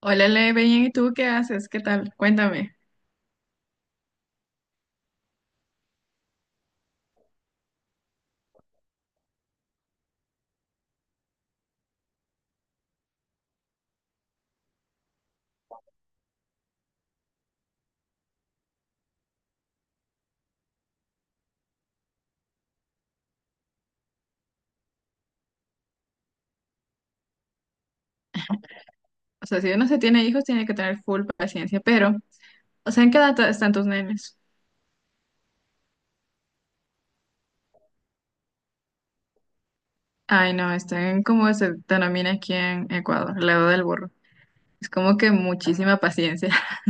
Hola, Le, bien, ¿y tú qué haces? ¿Qué tal? Cuéntame. O sea, si uno se tiene hijos, tiene que tener full paciencia, pero, o sea, ¿en qué edad están tus nenes? Ay, no, están como se denomina aquí en Ecuador, la edad del burro. Es como que muchísima paciencia.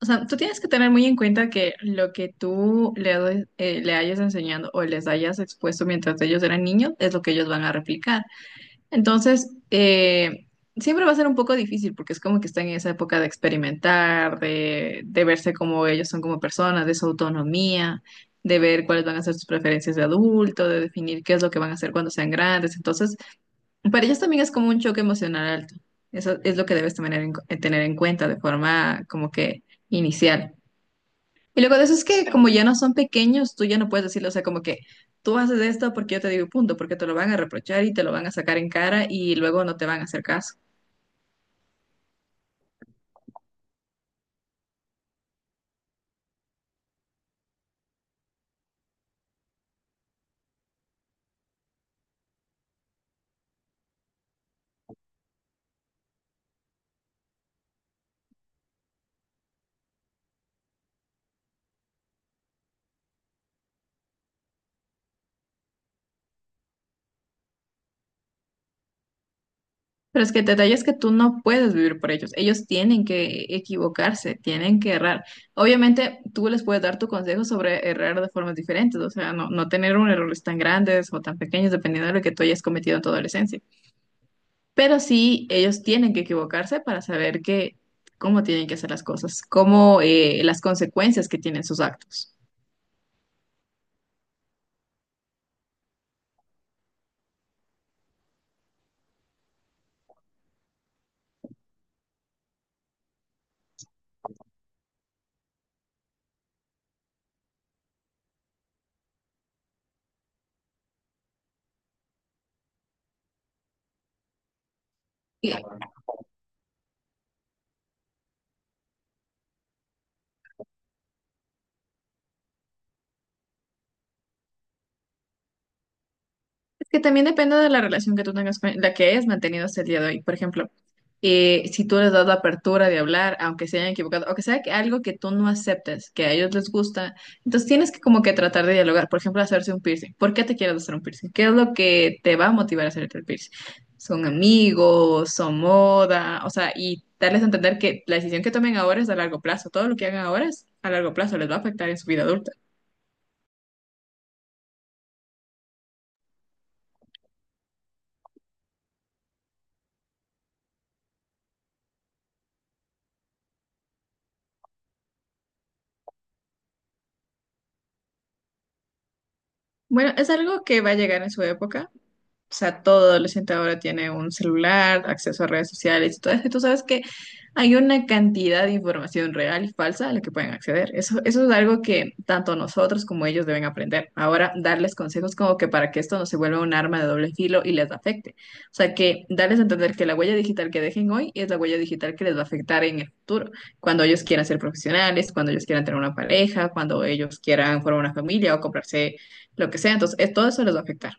O sea, tú tienes que tener muy en cuenta que lo que tú le, le hayas enseñado o les hayas expuesto mientras ellos eran niños es lo que ellos van a replicar. Entonces, siempre va a ser un poco difícil porque es como que están en esa época de experimentar, de verse como ellos son como personas, de su autonomía, de ver cuáles van a ser sus preferencias de adulto, de definir qué es lo que van a hacer cuando sean grandes. Entonces, para ellos también es como un choque emocional alto. Eso es lo que debes tener en cuenta de forma como que inicial. Y luego de eso es que como ya no son pequeños, tú ya no puedes decirle, o sea, como que tú haces esto porque yo te digo y punto, porque te lo van a reprochar y te lo van a sacar en cara y luego no te van a hacer caso. Pero es que el detalle es que tú no puedes vivir por ellos. Ellos tienen que equivocarse, tienen que errar. Obviamente, tú les puedes dar tu consejo sobre errar de formas diferentes, o sea, no, no tener un errores tan grandes o tan pequeños, dependiendo de lo que tú hayas cometido en tu adolescencia. Pero sí, ellos tienen que equivocarse para saber que, cómo tienen que hacer las cosas, cómo las consecuencias que tienen sus actos. Y Que también depende de la relación que tú tengas con la que hayas mantenido hasta el día de hoy. Por ejemplo, si tú les das la apertura de hablar, aunque se hayan equivocado, o que sea que algo que tú no aceptes, que a ellos les gusta, entonces tienes que como que tratar de dialogar. Por ejemplo, hacerse un piercing. ¿Por qué te quieres hacer un piercing? ¿Qué es lo que te va a motivar a hacerte el piercing? ¿Son amigos? ¿Son moda? O sea, y darles a entender que la decisión que tomen ahora es a largo plazo. Todo lo que hagan ahora es a largo plazo, les va a afectar en su vida adulta. Bueno, es algo que va a llegar en su época. O sea, todo adolescente ahora tiene un celular, acceso a redes sociales y todo eso. Y tú sabes que hay una cantidad de información real y falsa a la que pueden acceder. Eso es algo que tanto nosotros como ellos deben aprender. Ahora, darles consejos como que para que esto no se vuelva un arma de doble filo y les afecte. O sea, que darles a entender que la huella digital que dejen hoy es la huella digital que les va a afectar en el futuro. Cuando ellos quieran ser profesionales, cuando ellos quieran tener una pareja, cuando ellos quieran formar una familia o comprarse lo que sea. Entonces, todo eso les va a afectar.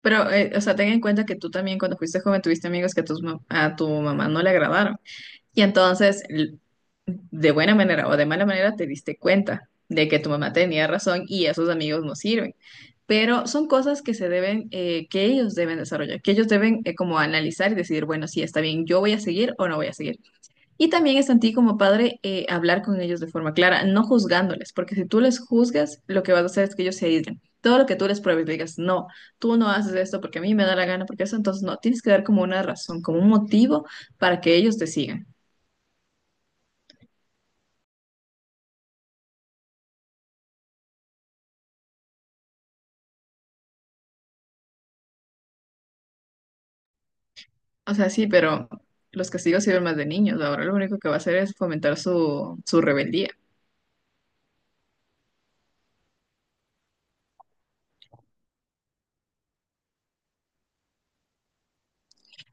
Pero, o sea, ten en cuenta que tú también cuando fuiste joven tuviste amigos que a tu mamá no le agradaron. Y entonces, de buena manera o de mala manera, te diste cuenta de que tu mamá tenía razón y esos amigos no sirven. Pero son cosas que se deben, que ellos deben desarrollar, que ellos deben como analizar y decidir, bueno, sí, está bien, yo voy a seguir o no voy a seguir. Y también es en ti como padre hablar con ellos de forma clara, no juzgándoles, porque si tú les juzgas, lo que vas a hacer es que ellos se aíslen. Todo lo que tú les pruebes, le digas, no, tú no haces esto porque a mí me da la gana, porque eso, entonces no, tienes que dar como una razón, como un motivo para que ellos te sigan. O sea, sí, pero los castigos sirven más de niños. Ahora lo único que va a hacer es fomentar su rebeldía.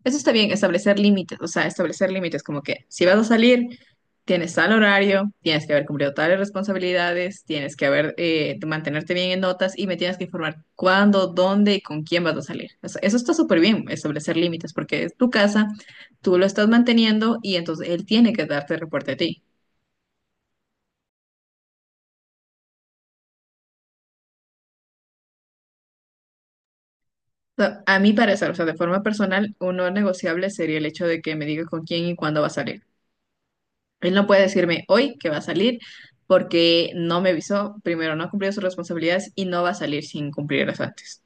Eso está bien, establecer límites, o sea, establecer límites como que si vas a salir, tienes tal horario, tienes que haber cumplido tales responsabilidades, tienes que haber mantenerte bien en notas y me tienes que informar cuándo, dónde y con quién vas a salir. O sea, eso está súper bien, establecer límites, porque es tu casa, tú lo estás manteniendo y entonces él tiene que darte reporte a ti. O sea, a mi parecer, o sea, de forma personal, un no negociable sería el hecho de que me diga con quién y cuándo va a salir. Él no puede decirme hoy que va a salir porque no me avisó, primero no ha cumplido sus responsabilidades y no va a salir sin cumplirlas antes.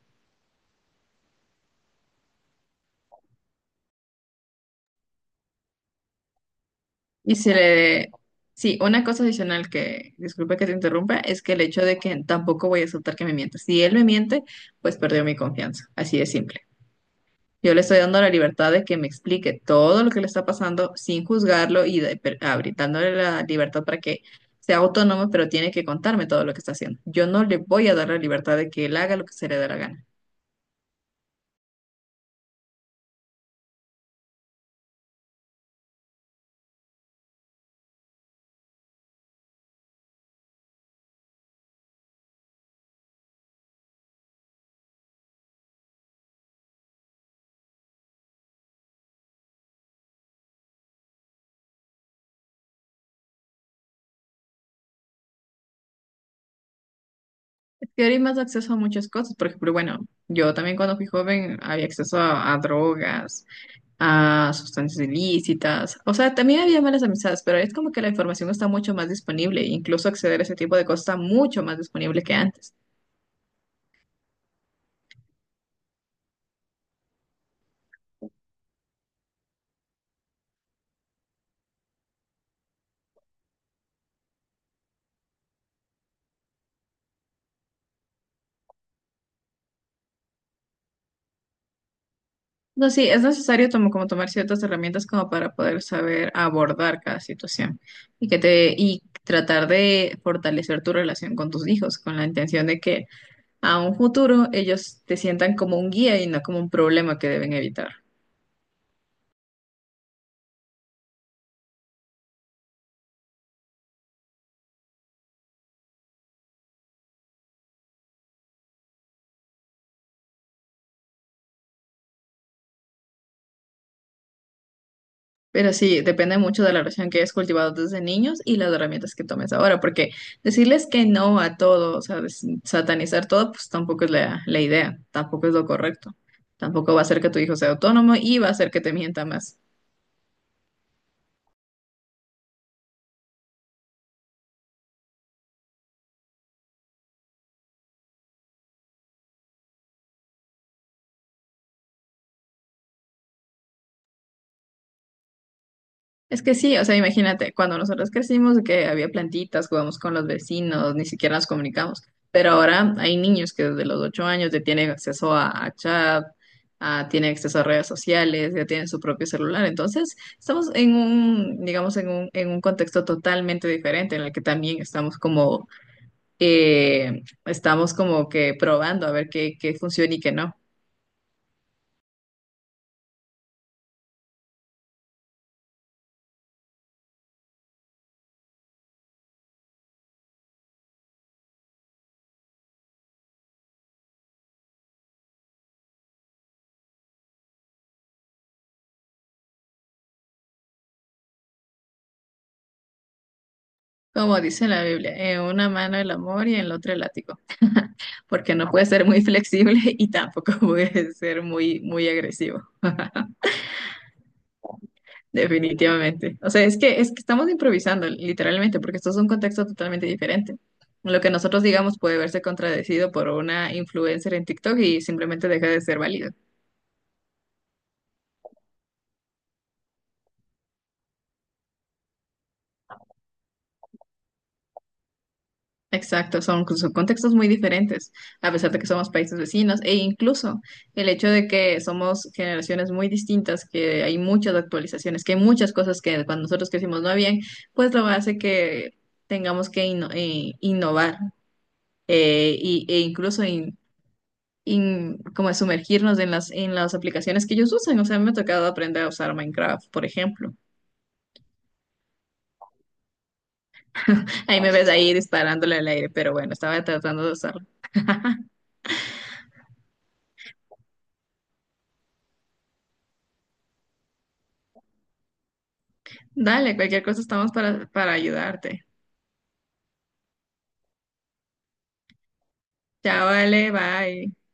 Y se le... Sí, una cosa adicional que, disculpe que te interrumpa, es que el hecho de que tampoco voy a aceptar que me mienta. Si él me miente, pues perdió mi confianza, así de simple. Yo le estoy dando la libertad de que me explique todo lo que le está pasando sin juzgarlo y dándole la libertad para que sea autónomo, pero tiene que contarme todo lo que está haciendo. Yo no le voy a dar la libertad de que él haga lo que se le dé la gana. Y ahora hay más acceso a muchas cosas. Por ejemplo, bueno, yo también cuando fui joven había a drogas, a sustancias ilícitas. O sea, también había malas amistades, pero es como que la información está mucho más disponible. E Incluso acceder a ese tipo de cosas está mucho más disponible que antes. No, sí, es necesario tomar ciertas herramientas como para poder saber abordar cada situación y que te y tratar de fortalecer tu relación con tus hijos con la intención de que a un futuro ellos te sientan como un guía y no como un problema que deben evitar. Pero sí, depende mucho de la relación que hayas cultivado desde niños y las herramientas que tomes ahora, porque decirles que no a todo, o sea, satanizar todo, pues tampoco es la idea, tampoco es lo correcto, tampoco va a hacer que tu hijo sea autónomo y va a hacer que te mienta más. Es que sí, o sea, imagínate, cuando nosotros crecimos, que había plantitas, jugamos con los vecinos, ni siquiera nos comunicamos. Pero ahora hay niños que desde los 8 años ya tienen a chat, tienen acceso a redes sociales, ya tienen su propio celular. Entonces, estamos en un, digamos, en un contexto totalmente diferente en el que también estamos como que probando a ver qué funciona y qué no. Como dice la Biblia, en una mano el amor y en la otra el látigo. Porque no puede ser muy flexible y tampoco puede ser muy agresivo, definitivamente. O sea, es que estamos improvisando, literalmente, porque esto es un contexto totalmente diferente. Lo que nosotros digamos puede verse contradecido por una influencer en TikTok y simplemente deja de ser válido. Exacto, son, pues, son contextos muy diferentes, a pesar de que somos países vecinos, e incluso el hecho de que somos generaciones muy distintas, que hay muchas actualizaciones, que hay muchas cosas que cuando nosotros crecimos no habían, pues lo hace que tengamos que innovar e incluso como sumergirnos en en las aplicaciones que ellos usan. O sea, me ha tocado aprender a usar Minecraft, por ejemplo. Ahí me ves ahí disparándole al aire, pero bueno, estaba tratando de usarlo. Dale, cualquier cosa estamos para ayudarte. Chao, vale, bye.